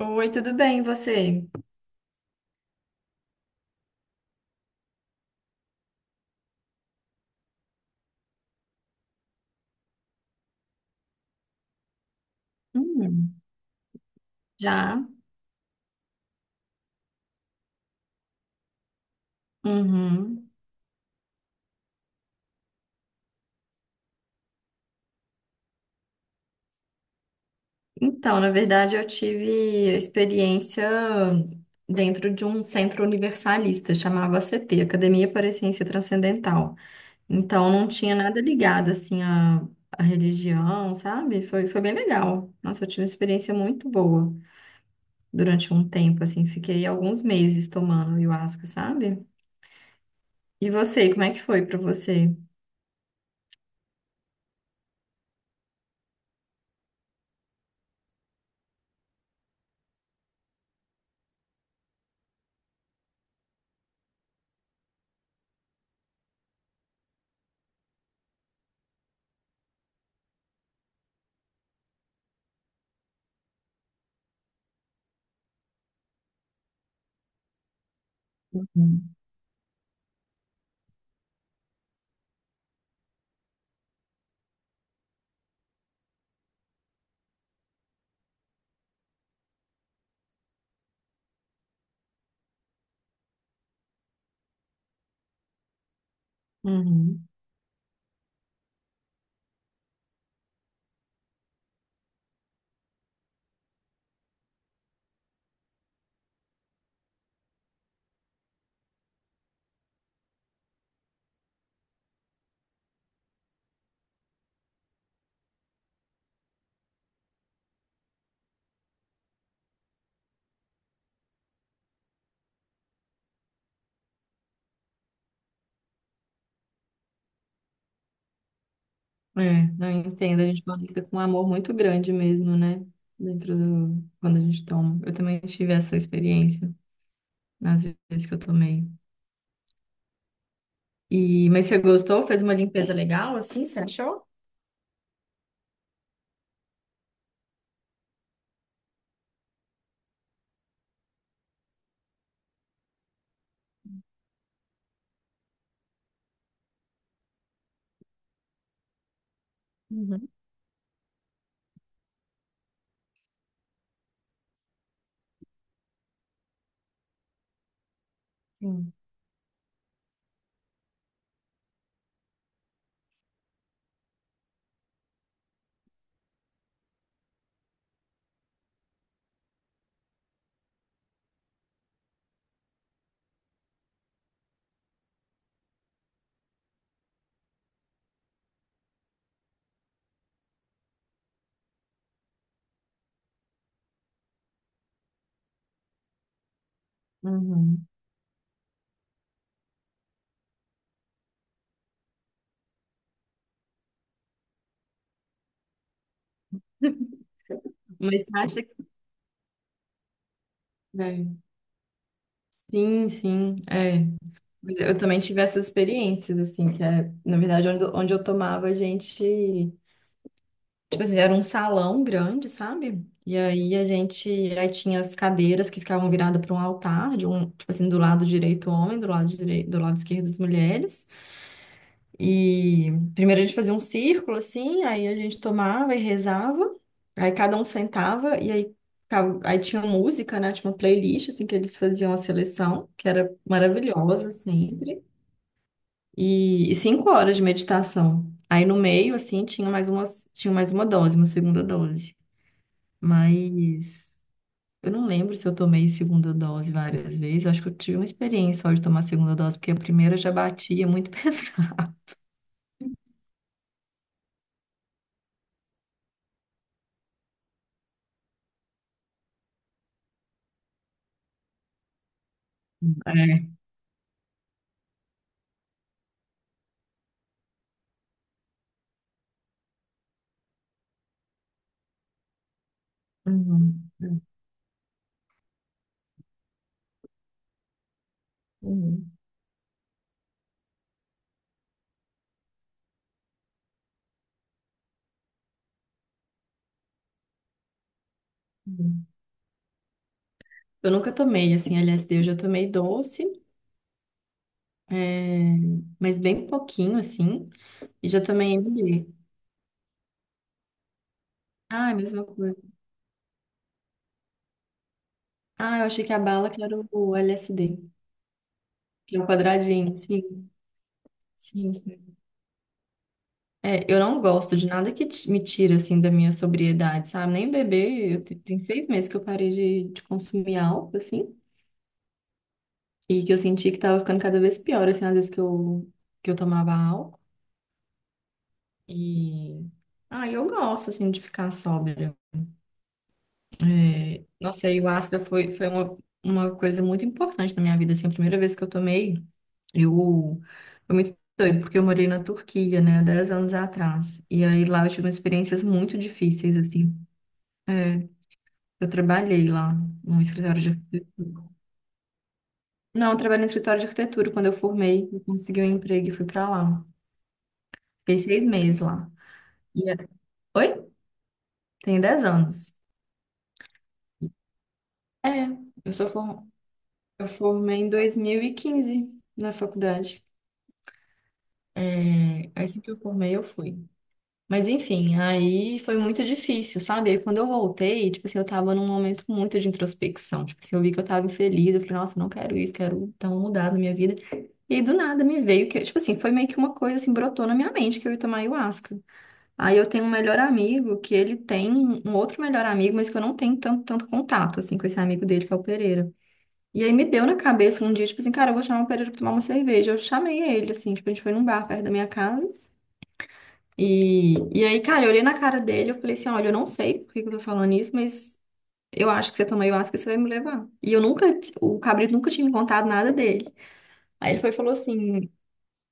Oi, tudo bem, e você? Hum, já? Uhum. Então, na verdade, eu tive experiência dentro de um centro universalista, chamava ACT, Academia para a Ciência Transcendental. Então, não tinha nada ligado, assim, à religião, sabe? Foi bem legal. Nossa, eu tive uma experiência muito boa durante um tempo, assim, fiquei alguns meses tomando ayahuasca, sabe? E você, como é que foi para você? Uhum. É, eu entendo. A gente conecta com um amor muito grande mesmo, né? Quando a gente toma. Eu também tive essa experiência nas vezes que eu tomei. Mas você gostou? Fez uma limpeza legal, assim? Você achou? Uhum, sim. Uhum. Mas você acha que... né? Sim, sim, é. Mas eu também tive essas experiências, assim, que é, na verdade, onde eu tomava. Tipo assim, era um salão grande, sabe? E aí tinha as cadeiras que ficavam viradas para um altar, de um, tipo assim, do lado direito o homem, do lado esquerdo as mulheres. E primeiro a gente fazia um círculo assim, aí a gente tomava e rezava. Aí cada um sentava e aí aí tinha música, né? Tinha uma playlist assim que eles faziam a seleção, que era maravilhosa sempre. E 5 horas de meditação. Aí no meio assim tinha mais umas, tinha mais uma dose, uma segunda dose. Mas eu não lembro se eu tomei segunda dose várias vezes. Eu acho que eu tive uma experiência só de tomar segunda dose, porque a primeira já batia muito pesado. É. Uhum, uhum, uhum. Eu nunca tomei, assim, LSD, eu já tomei doce, é, mas bem pouquinho, assim, e já tomei MD. Ah, é a mesma coisa. Ah, eu achei que a bala que era o LSD, que é o quadradinho. Sim, sim, sim. É, eu não gosto de nada que me tira, assim, da minha sobriedade, sabe? Nem beber, tem 6 meses que eu parei de consumir álcool, assim, e que eu senti que tava ficando cada vez pior, assim, às vezes que eu tomava álcool, e... Ah, eu gosto, assim, de ficar sóbria. É, nossa, a ayahuasca foi uma coisa muito importante na minha vida, assim, a primeira vez que eu tomei, eu... Foi muito doido, porque eu morei na Turquia, né, 10 anos atrás, e aí lá eu tive experiências muito difíceis, assim. É, eu trabalhei lá no escritório de arquitetura. Não, eu trabalhei no escritório de arquitetura. Quando eu formei, eu consegui um emprego e fui pra lá. Fiquei 6 meses lá. E é- Oi? Tem 10 anos. É, eu sou for... eu formei em 2015 na faculdade. É, assim que eu formei, eu fui. Mas enfim, aí foi muito difícil, sabe? Aí quando eu voltei, tipo assim, eu tava num momento muito de introspecção. Tipo assim, eu vi que eu tava infeliz. Eu falei, nossa, não quero isso, quero dar uma mudada na minha vida. E aí, do nada, me veio que, tipo assim, foi meio que uma coisa assim, brotou na minha mente que eu ia tomar ayahuasca. Aí eu tenho um melhor amigo que ele tem um outro melhor amigo, mas que eu não tenho tanto contato, assim, com esse amigo dele, que é o Pereira. E aí me deu na cabeça um dia, tipo assim, cara, eu vou chamar o Pereira pra tomar uma cerveja. Eu chamei ele, assim, tipo, a gente foi num bar perto da minha casa. E aí, cara, eu olhei na cara dele, eu falei assim, olha, eu não sei por que que eu tô falando isso, mas eu acho que você toma ayahuasca e você vai me levar. E eu nunca, O Cabrito nunca tinha me contado nada dele. Aí ele foi e falou assim.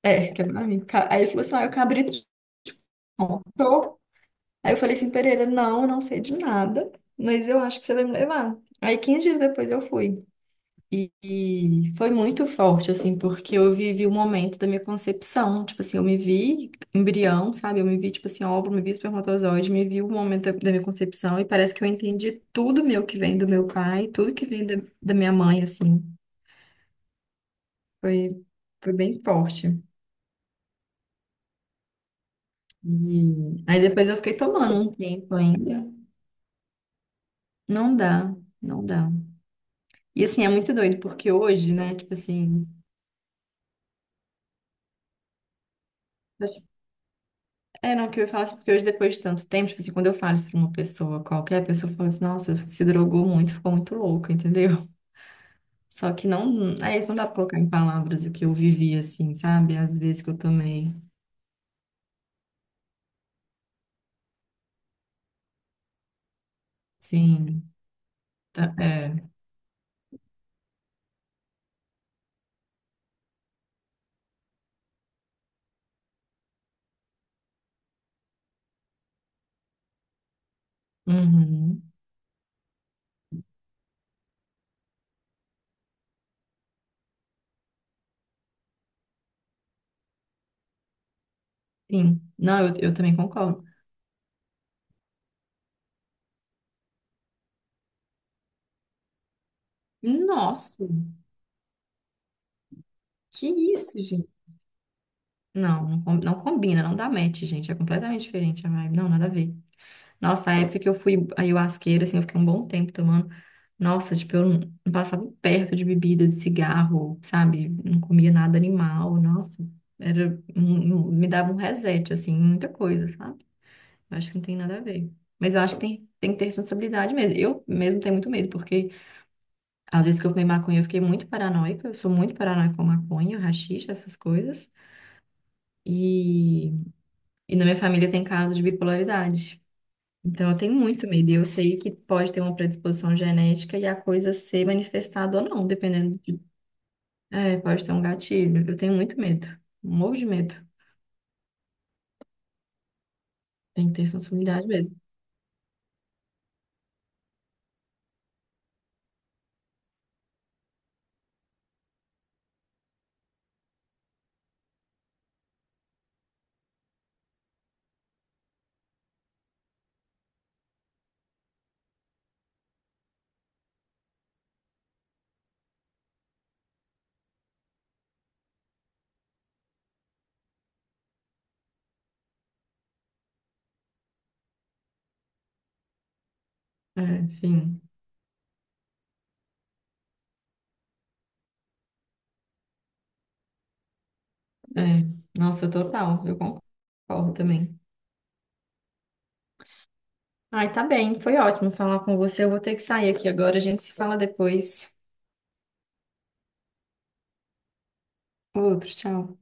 É, que é meu amigo. Aí ele falou assim, ah, o Cabrito te contou. Aí eu falei assim, Pereira, não, eu não sei de nada, mas eu acho que você vai me levar. Aí 15 dias depois eu fui. E foi muito forte, assim, porque eu vivi o momento da minha concepção. Tipo assim, eu me vi embrião, sabe? Eu me vi, tipo assim, óvulo, me vi espermatozoide, me vi o momento da minha concepção. E parece que eu entendi tudo meu que vem do meu pai, tudo que vem da minha mãe, assim. Foi, foi bem forte. E aí depois eu fiquei tomando um tempo ainda. Não dá, não dá. E assim, é muito doido, porque hoje, né, tipo assim. acho- É, não, o que eu ia falar assim, porque hoje, depois de tanto tempo, tipo assim, quando eu falo isso pra uma pessoa, qualquer pessoa fala assim, nossa, se drogou muito, ficou muito louca, entendeu? Só que não. É isso, não dá pra colocar em palavras o que eu vivi, assim, sabe? Às vezes que eu tomei. Sim, é. Uhum, sim. Não, eu também concordo. Nossa, que isso, gente? Não, não, não combina, não dá match, gente. É completamente diferente a vibe. Não, nada a ver. Nossa, a época que eu fui ayahuasqueira, assim, eu fiquei um bom tempo tomando. Nossa, tipo, eu não passava perto de bebida, de cigarro, sabe? Não comia nada animal, nossa. Me dava um reset, assim, em muita coisa, sabe? Eu acho que não tem nada a ver. Mas eu acho que tem que ter responsabilidade mesmo. Eu mesmo tenho muito medo, porque às vezes que eu fumei maconha, eu fiquei muito paranoica. Eu sou muito paranoica com maconha, haxixe, essas coisas. E, e na minha família tem caso de bipolaridade. Então, eu tenho muito medo. E eu sei que pode ter uma predisposição genética e a coisa ser manifestada ou não, dependendo de. É, pode ter um gatilho. Eu tenho muito medo. Morro de medo. Tem que ter sensibilidade mesmo. É, sim. É. Nossa, total. Eu concordo também. Ai, tá bem. Foi ótimo falar com você. Eu vou ter que sair aqui agora. A gente se fala depois. Outro, tchau.